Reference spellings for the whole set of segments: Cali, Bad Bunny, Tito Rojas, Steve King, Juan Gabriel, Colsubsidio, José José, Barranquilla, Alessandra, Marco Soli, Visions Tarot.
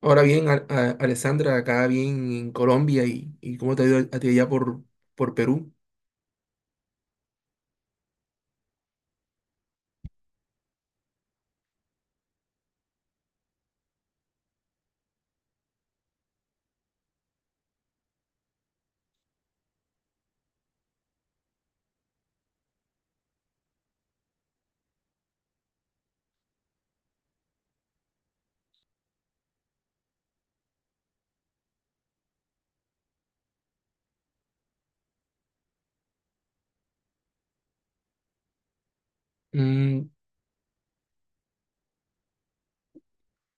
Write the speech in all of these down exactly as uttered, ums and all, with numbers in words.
Ahora bien, Al- a- Alessandra, acá bien en Colombia y, y cómo te ha ido a ti allá por, por Perú. Mm.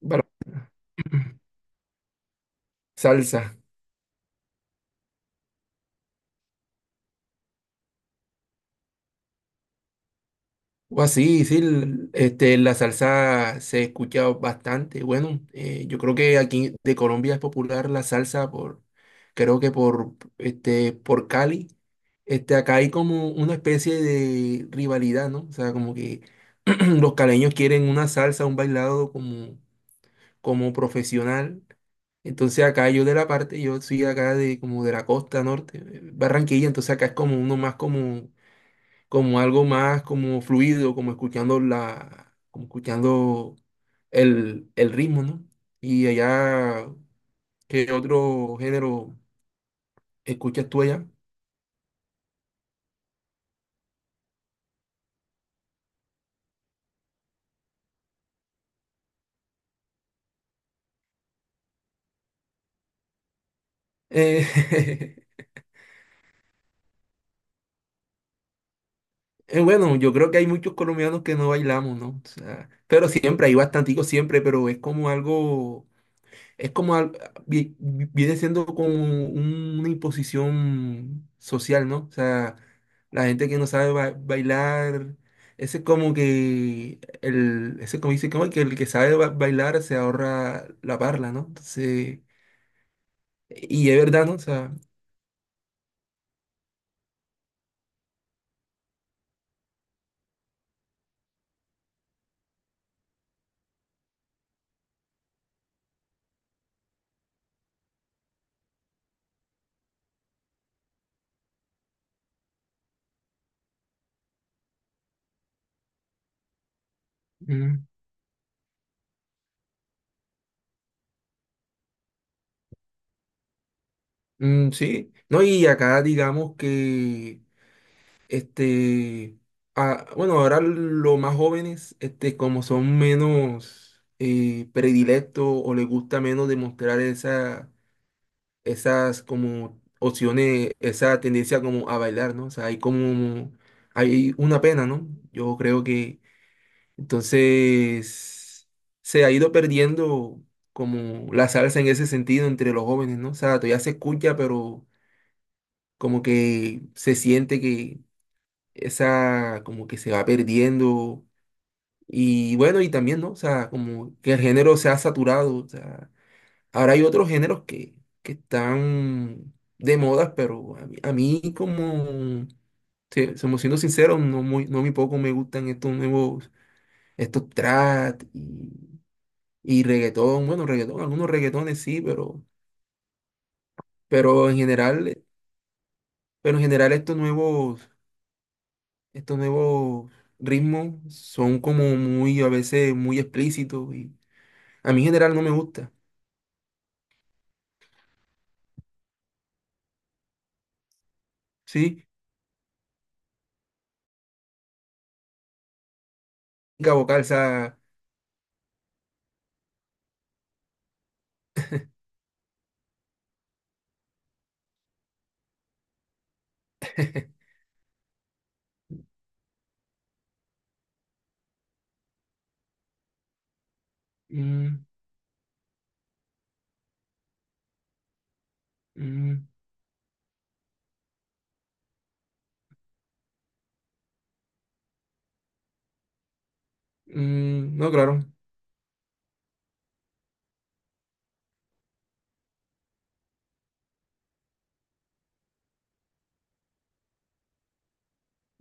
Bueno. Salsa. O así, sí, l- este, la salsa se escucha bastante. Bueno, eh, yo creo que aquí de Colombia es popular la salsa por, creo que por, este, por Cali. Este, acá hay como una especie de rivalidad, ¿no? O sea, como que los caleños quieren una salsa, un bailado como como profesional. Entonces acá yo de la parte, yo soy acá de como de la costa norte, eh, Barranquilla, entonces acá es como uno más como, como algo más como fluido, como escuchando la, como escuchando el, el ritmo, ¿no? Y allá, ¿qué otro género escuchas tú allá? Eh, eh, bueno, yo creo que hay muchos colombianos que no bailamos, ¿no? O sea, pero siempre, hay bastanticos siempre, pero es como algo. Es como, al- vi- viene siendo como una imposición social, ¿no? O sea, la gente que no sabe ba- bailar, ese es como que, el, ese como dice, como que el que sabe ba- bailar se ahorra la parla, ¿no? Entonces, y es verdad, ¿no? O sea, mm, mm, sí, ¿no? Y acá digamos que este, ah, bueno, ahora los más jóvenes, este, como son menos eh, predilectos o les gusta menos demostrar esa, esas como opciones, esa tendencia como a bailar, ¿no? O sea, hay como, hay una pena, ¿no? Yo creo que entonces se ha ido perdiendo como la salsa en ese sentido entre los jóvenes, ¿no? O sea, todavía se escucha, pero como que se siente que esa como que se va perdiendo. Y bueno, y también, ¿no? O sea, como que el género se ha saturado. O sea, ahora hay otros géneros que, que están de moda, pero a mí, a mí como, se- somos siendo sinceros, no muy, no muy poco me gustan estos nuevos, estos trap y, y reggaetón. Bueno, reggaetón, algunos reggaetones sí, pero, pero en general, pero en general estos nuevos estos nuevos ritmos son como muy, a veces, muy explícitos y a mí en general no me gusta. ¿Sí? La vocal, o sea, mm, mm, mm, no, claro,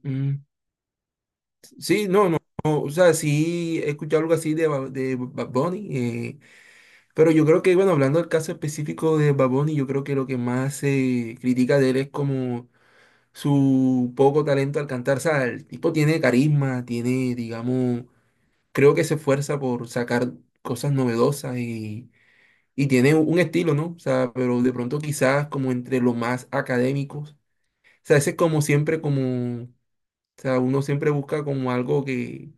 mm, sí, no, no, no, o sea, sí he escuchado algo así de, Ba- de Bad Bunny, eh, pero yo creo que, bueno, hablando del caso específico de Bad Bunny, yo creo que lo que más se critica de él es como su poco talento al cantar, o sea, el tipo tiene carisma, tiene, digamos, creo que se esfuerza por sacar cosas novedosas y, y tiene un estilo, ¿no? O sea, pero de pronto quizás como entre los más académicos. O sea, ese es como siempre como, o sea, uno siempre busca como algo que,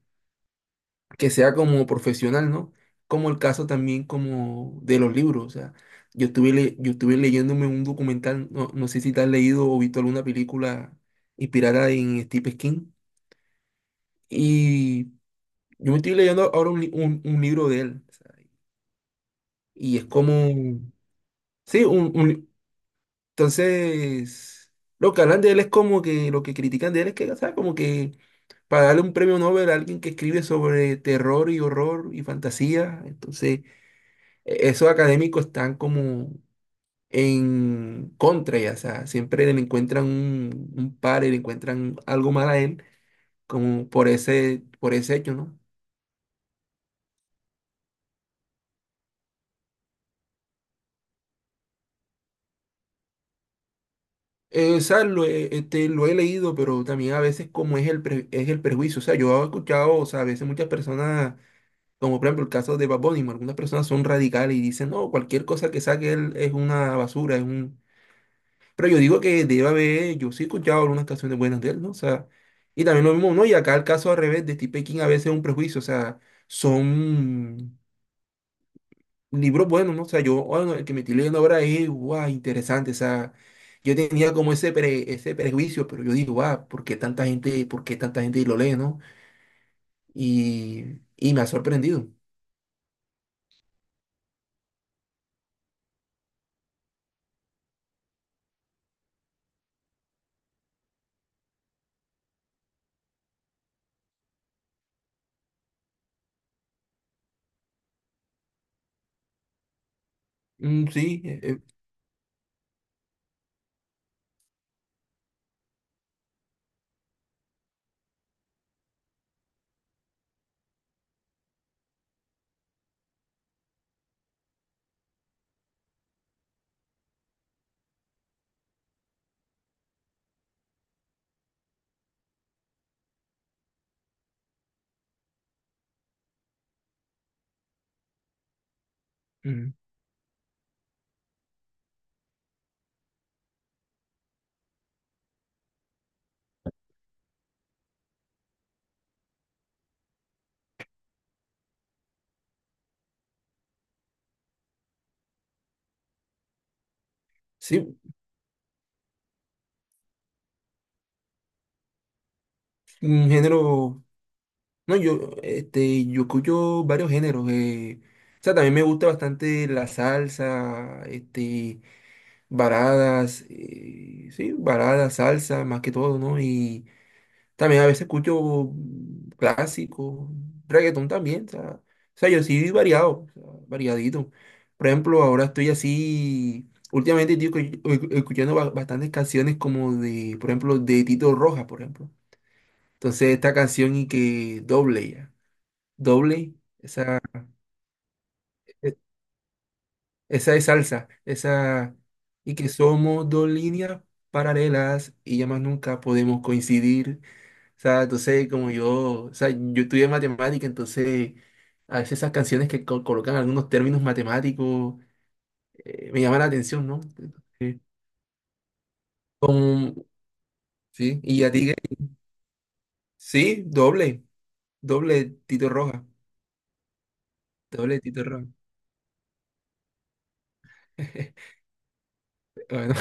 que sea como profesional, ¿no? Como el caso también como de los libros, o sea, yo estuve, le- yo estuve leyéndome un documental, no, no sé si te has leído o visto alguna película inspirada en Steve King, y yo me estoy leyendo ahora un, li- un un libro de él. Y es como, sí, un, un- entonces, lo que hablan de él es como que, lo que critican de él es que, o sea, como que para darle un premio Nobel a alguien que escribe sobre terror y horror y fantasía, entonces, e- esos académicos están como en contra, ya, o sea, siempre le encuentran un, un par y le encuentran algo mal a él, como por ese, por ese hecho, ¿no? Eh, o sea, lo he, este, lo he leído, pero también a veces como es el, pre- es el prejuicio. O sea, yo he escuchado, o sea, a veces muchas personas, como por ejemplo el caso de Bad Bunny, algunas personas son radicales y dicen, no, cualquier cosa que saque él es una basura, es un... Pero yo digo que debe haber, yo sí he escuchado algunas canciones buenas de él, ¿no? O sea, y también lo mismo, ¿no? Y acá el caso al revés de Steve King a veces es un prejuicio, o sea, son libros buenos, ¿no? O sea, yo, bueno, el que me estoy leyendo ahora es, guau, interesante, o sea, yo tenía como ese, pre- ese prejuicio, pero yo digo, guau, ¿por qué tanta gente, por qué tanta gente lo lee? ¿No? Y, y me ha sorprendido. Mm, sí, eh, eh, mm, sí, un género, no, yo, este, yo escucho varios géneros, eh, o sea, también me gusta bastante la salsa, este, baladas, eh, sí, baladas, salsa, más que todo, ¿no? Y también a veces escucho mm, clásicos, reggaetón también, o sea, o sea, yo sí variado, o sea, variadito. Por ejemplo, ahora estoy así, últimamente estoy escu- escu- escuchando ba- bastantes canciones como de, por ejemplo, de Tito Rojas, por ejemplo. Entonces esta canción y que doble ya, doble, e- esa es salsa, esa y que somos dos líneas paralelas y ya más nunca podemos coincidir. O sea, entonces como yo, o sea, yo estudié matemática, entonces a veces esas canciones que co- colocan algunos términos matemáticos eh, me llaman la atención, ¿no? Sí, como- sí, y a ti, ¿qué? Sí, doble, doble Tito Roja, doble Tito Roja. Bueno,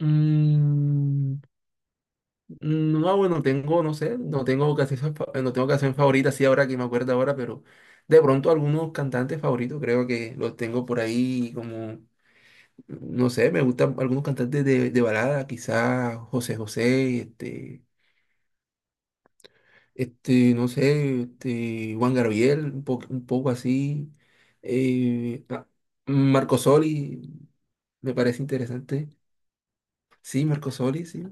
mm, no, bueno, tengo, no sé, no tengo canción, fa- no tengo canción favorita, sí, ahora que me acuerdo ahora, pero de pronto algunos cantantes favoritos creo que los tengo por ahí como... No sé, me gustan algunos cantantes de, de balada, quizás José José, este, este, no sé, este, Juan Gabriel, un, po- un poco así. eh, ah, Marco Soli, me parece interesante. Sí, Marco Soli, sí.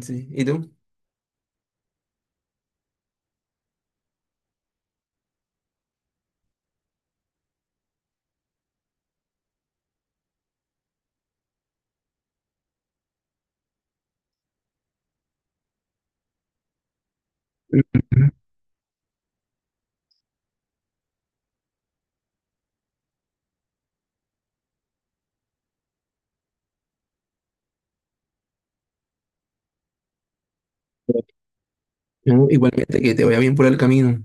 Sí. ¿Y tú? Ujú. No, igualmente, que te vaya bien por el camino.